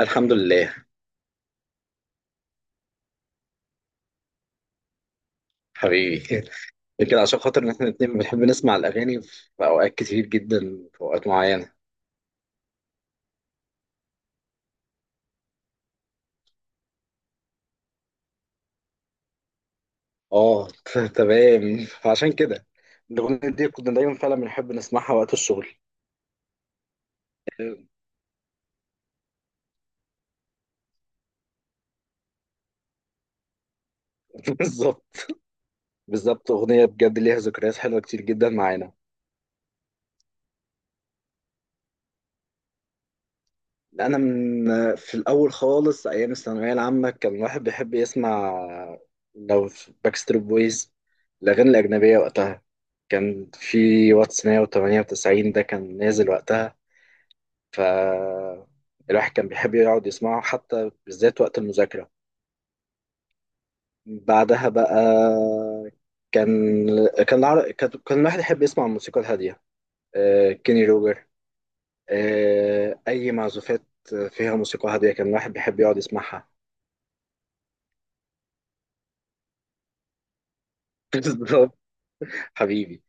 الحمد لله. حبيبي خير. كده عشان خاطر ان احنا الاتنين بنحب نسمع الاغاني في اوقات كتير جدا، في اوقات معينه. اه، تمام فعشان كده الاغنيه دي كنا دايما فعلا بنحب نسمعها وقت الشغل. بالظبط، بالظبط. اغنيه بجد ليها ذكريات حلوه كتير جدا معانا. انا من في الاول خالص ايام الثانويه العامه كان الواحد بيحب يسمع لو باكستريت بويز، الاغاني الاجنبيه وقتها. كان في واتس 198 ده كان نازل وقتها، فالواحد كان بيحب يقعد يسمعه حتى بالذات وقت المذاكرة. بعدها بقى كان كان العر... كان كان الواحد يحب يسمع الموسيقى الهادية. كيني روجر، أي معزوفات فيها موسيقى هادية كان الواحد بيحب يقعد يسمعها. بالظبط. حبيبي،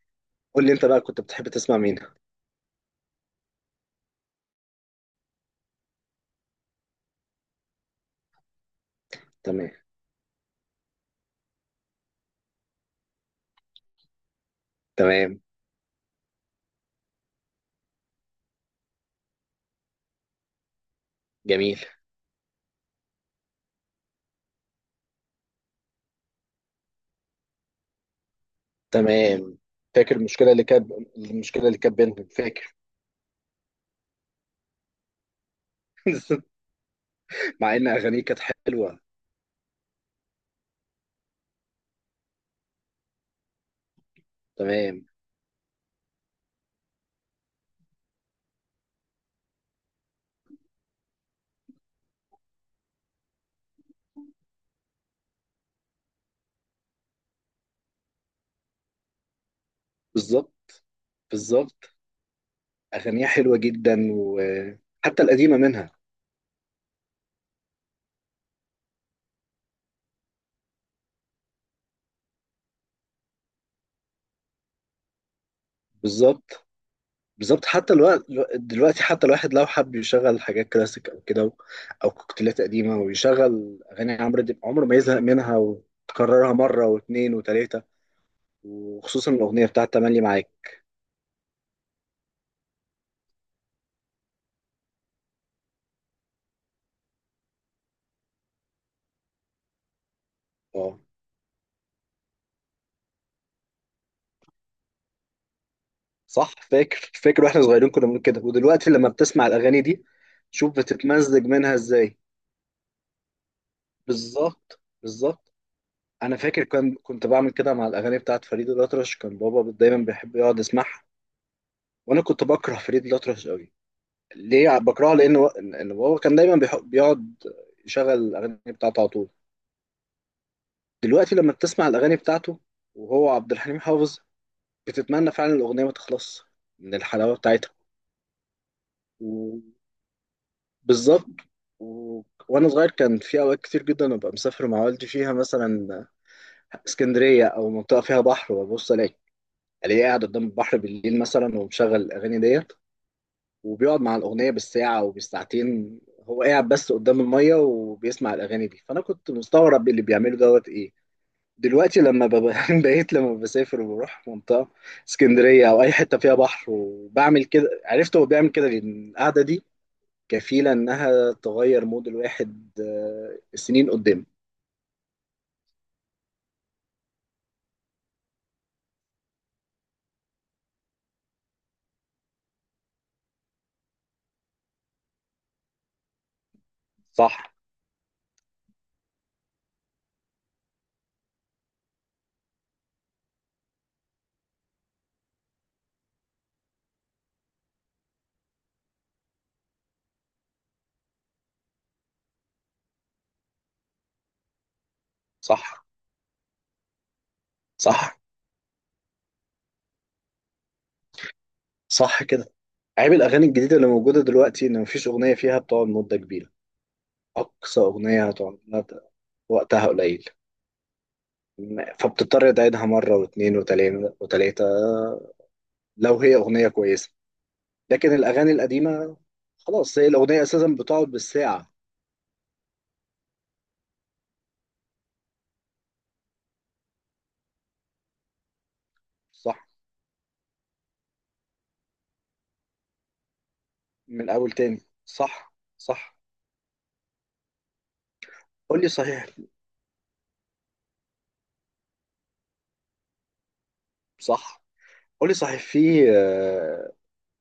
قول لي أنت بقى كنت بتحب تسمع مين؟ تمام. تمام. جميل. تمام. فاكر المشكلة اللي كانت بينهم؟ فاكر. مع إن أغانيه كانت حلوة. تمام. بالظبط، بالظبط. أغانيها حلوة جدا، وحتى القديمة منها. بالظبط، بالظبط، حتى الوقت. دلوقتي حتى الواحد لو حب يشغل حاجات كلاسيك أو كده، أو كوكتيلات قديمة، ويشغل أغاني عمرو دياب، عمره ما يزهق منها وتكررها مرة واتنين وتلاتة، وخصوصا الأغنية بتاعت تملي معاك. اه. صح، فاكر، فاكر، واحنا صغيرين كنا بنقول كده، ودلوقتي لما بتسمع الأغاني دي شوف بتتمزج منها ازاي. بالظبط، بالظبط. انا فاكر كان كنت بعمل كده مع الاغاني بتاعت فريد الأطرش، كان بابا دايما بيحب يقعد يسمعها. وانا كنت بكره فريد الأطرش قوي. ليه بكرهه؟ لان ان بابا كان دايما بيقعد يشغل الاغاني بتاعته على طول. دلوقتي لما بتسمع الاغاني بتاعته، وهو عبد الحليم حافظ، بتتمنى فعلا الاغنيه ما تخلص من الحلاوه بتاعتها. وبالظبط. و... وانا صغير كان في اوقات كتير جدا ابقى مسافر مع والدي فيها مثلا اسكندريه او منطقه فيها بحر، وابص الاقي الاقيه قاعد قدام البحر بالليل مثلا، ومشغل الاغاني ديت، وبيقعد مع الاغنيه بالساعه وبالساعتين، هو قاعد بس قدام الميه وبيسمع الاغاني دي. فانا كنت مستغرب اللي بيعمله دوت ايه. دلوقتي بقيت لما بسافر وبروح منطقه اسكندريه او اي حته فيها بحر وبعمل كده، عرفت هو بيعمل كده لان القعده دي كفيله انها تغير مود الواحد سنين قدام. صح. صح. صح. صح كده. عيب الاغاني الجديده اللي موجوده دلوقتي ان مفيش اغنيه فيها بتقعد مده كبيره. أقصى أغنية هتقعد لها وقتها قليل. فبتضطر تعيدها مرة واتنين وتلاتة لو هي أغنية كويسة. لكن الأغاني القديمة، خلاص هي الأغنية أساسا بتقعد بالساعة. صح. من أول تاني. صح، صح. قول لي صحيح. صح. قول لي صحيح، في آه،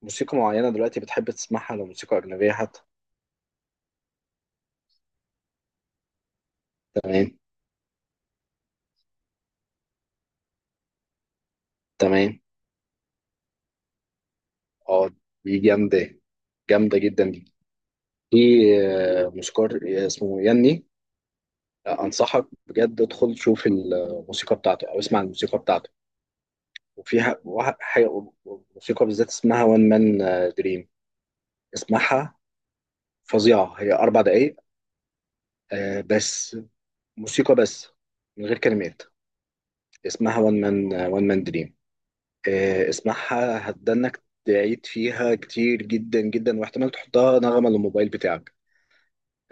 موسيقى معينة دلوقتي بتحب تسمعها؟ لو موسيقى أجنبية حتى. تمام. تمام. اه، دي جامدة. جامدة جدا دي. في موسيقار اسمه ياني، انصحك بجد ادخل شوف الموسيقى بتاعته او اسمع الموسيقى بتاعته. وفيها واحد حاجه موسيقى بالذات اسمها وان مان دريم، اسمعها فظيعه، هي اربع دقايق. بس موسيقى بس، من غير كلمات، اسمها وان مان وان مان دريم. اسمعها، هتدنك تعيد فيها كتير جدا جدا، واحتمال تحطها نغمه للموبايل بتاعك.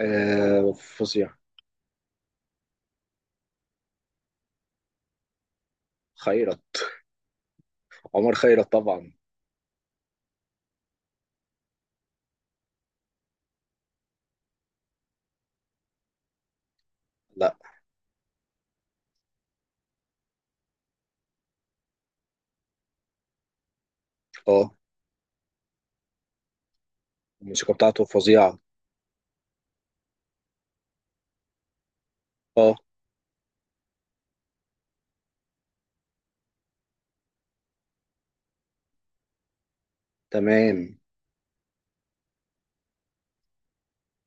فظيع خيرت عمر خيرت طبعا. لا. اه. الموسيقى بتاعته فظيعه. اه. تمام.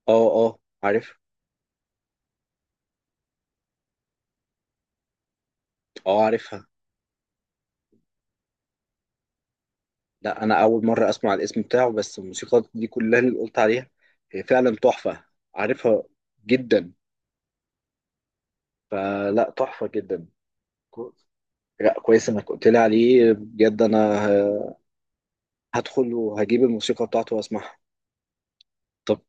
اه، اه، عارف. اه، عارفها. لا، انا اول مره اسمع الاسم بتاعه، بس الموسيقى دي كلها اللي قلت عليها هي فعلا تحفه. عارفها جدا، فلا تحفه جدا. كو- لا كويس انك قلت لي عليه بجد، انا هدخل وهجيب الموسيقى بتاعته واسمعها. طب.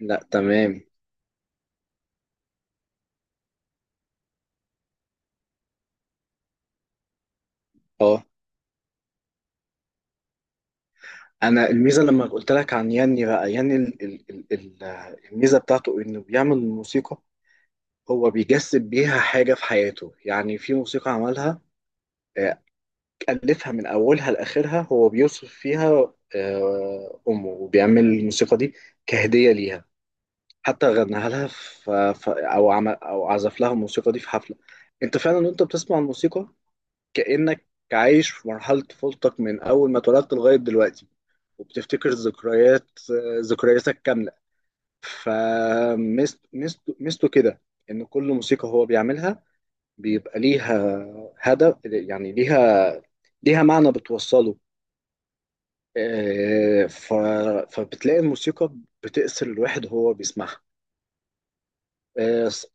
لا، تمام. اه. انا الميزه لما قلت لك عن ياني بقى، ياني ال ال ال ال الميزه بتاعته انه بيعمل الموسيقى، هو بيجسد بيها حاجه في حياته. يعني في موسيقى عملها، ألفها من أولها لآخرها، هو بيوصف فيها أمه وبيعمل الموسيقى دي كهدية ليها، حتى غناها لها أو عمل أو عزف لها الموسيقى دي في حفلة. أنت فعلا وأنت بتسمع الموسيقى كأنك عايش في مرحلة طفولتك من أول ما اتولدت لغاية دلوقتي، وبتفتكر ذكريات، ذكرياتك كاملة. فميزته كده، إن كل موسيقى هو بيعملها بيبقى ليها هدف، يعني ليها، ليها معنى بتوصله. آه، ف... فبتلاقي الموسيقى بتأثر الواحد وهو بيسمعها. آه، ص-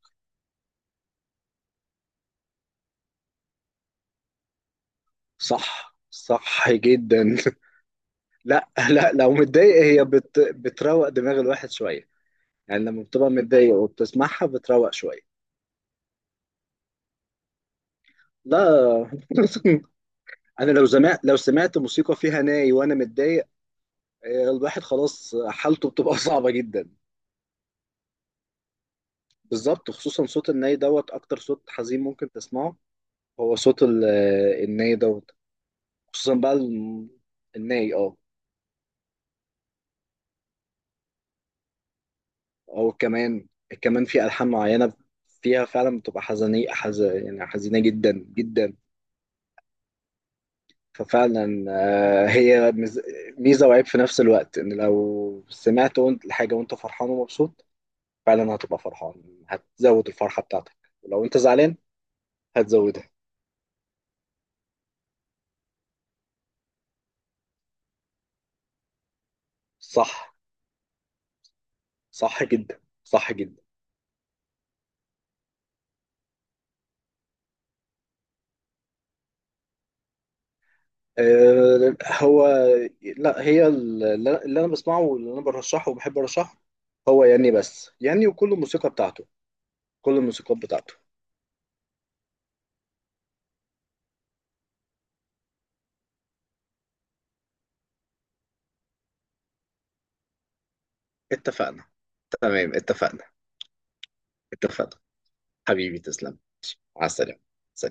صح صح جدا. لا، لا، لو متضايق هي بتروق دماغ الواحد شوية. يعني لما بتبقى متضايق وبتسمعها بتروق شوية. لا. انا لو سمعت، لو سمعت موسيقى فيها ناي وانا متضايق، الواحد خلاص حالته بتبقى صعبة جدا. بالظبط، خصوصا صوت الناي دوت اكتر صوت حزين ممكن تسمعه. هو صوت الناي دوت، خصوصا بقى الناي. اه. او كمان، كمان في ألحان معينة فيها فعلا بتبقى حزينية يعني حزينة جدا جدا. ففعلا، هي ميزة وعيب في نفس الوقت، ان لو سمعت وانت الحاجة وانت فرحان ومبسوط فعلا هتبقى فرحان، هتزود الفرحة بتاعتك. ولو انت زعلان هتزودها. صح، صح جدا، صح جدا. آه، هو لا هي، اللي انا بسمعه واللي انا برشحه وبحب ارشحه هو ياني بس. ياني وكل الموسيقى بتاعته، كل الموسيقى بتاعته. اتفقنا. تمام، اتفقنا. اتفقنا. حبيبي، تسلم. على السلامة. سلام.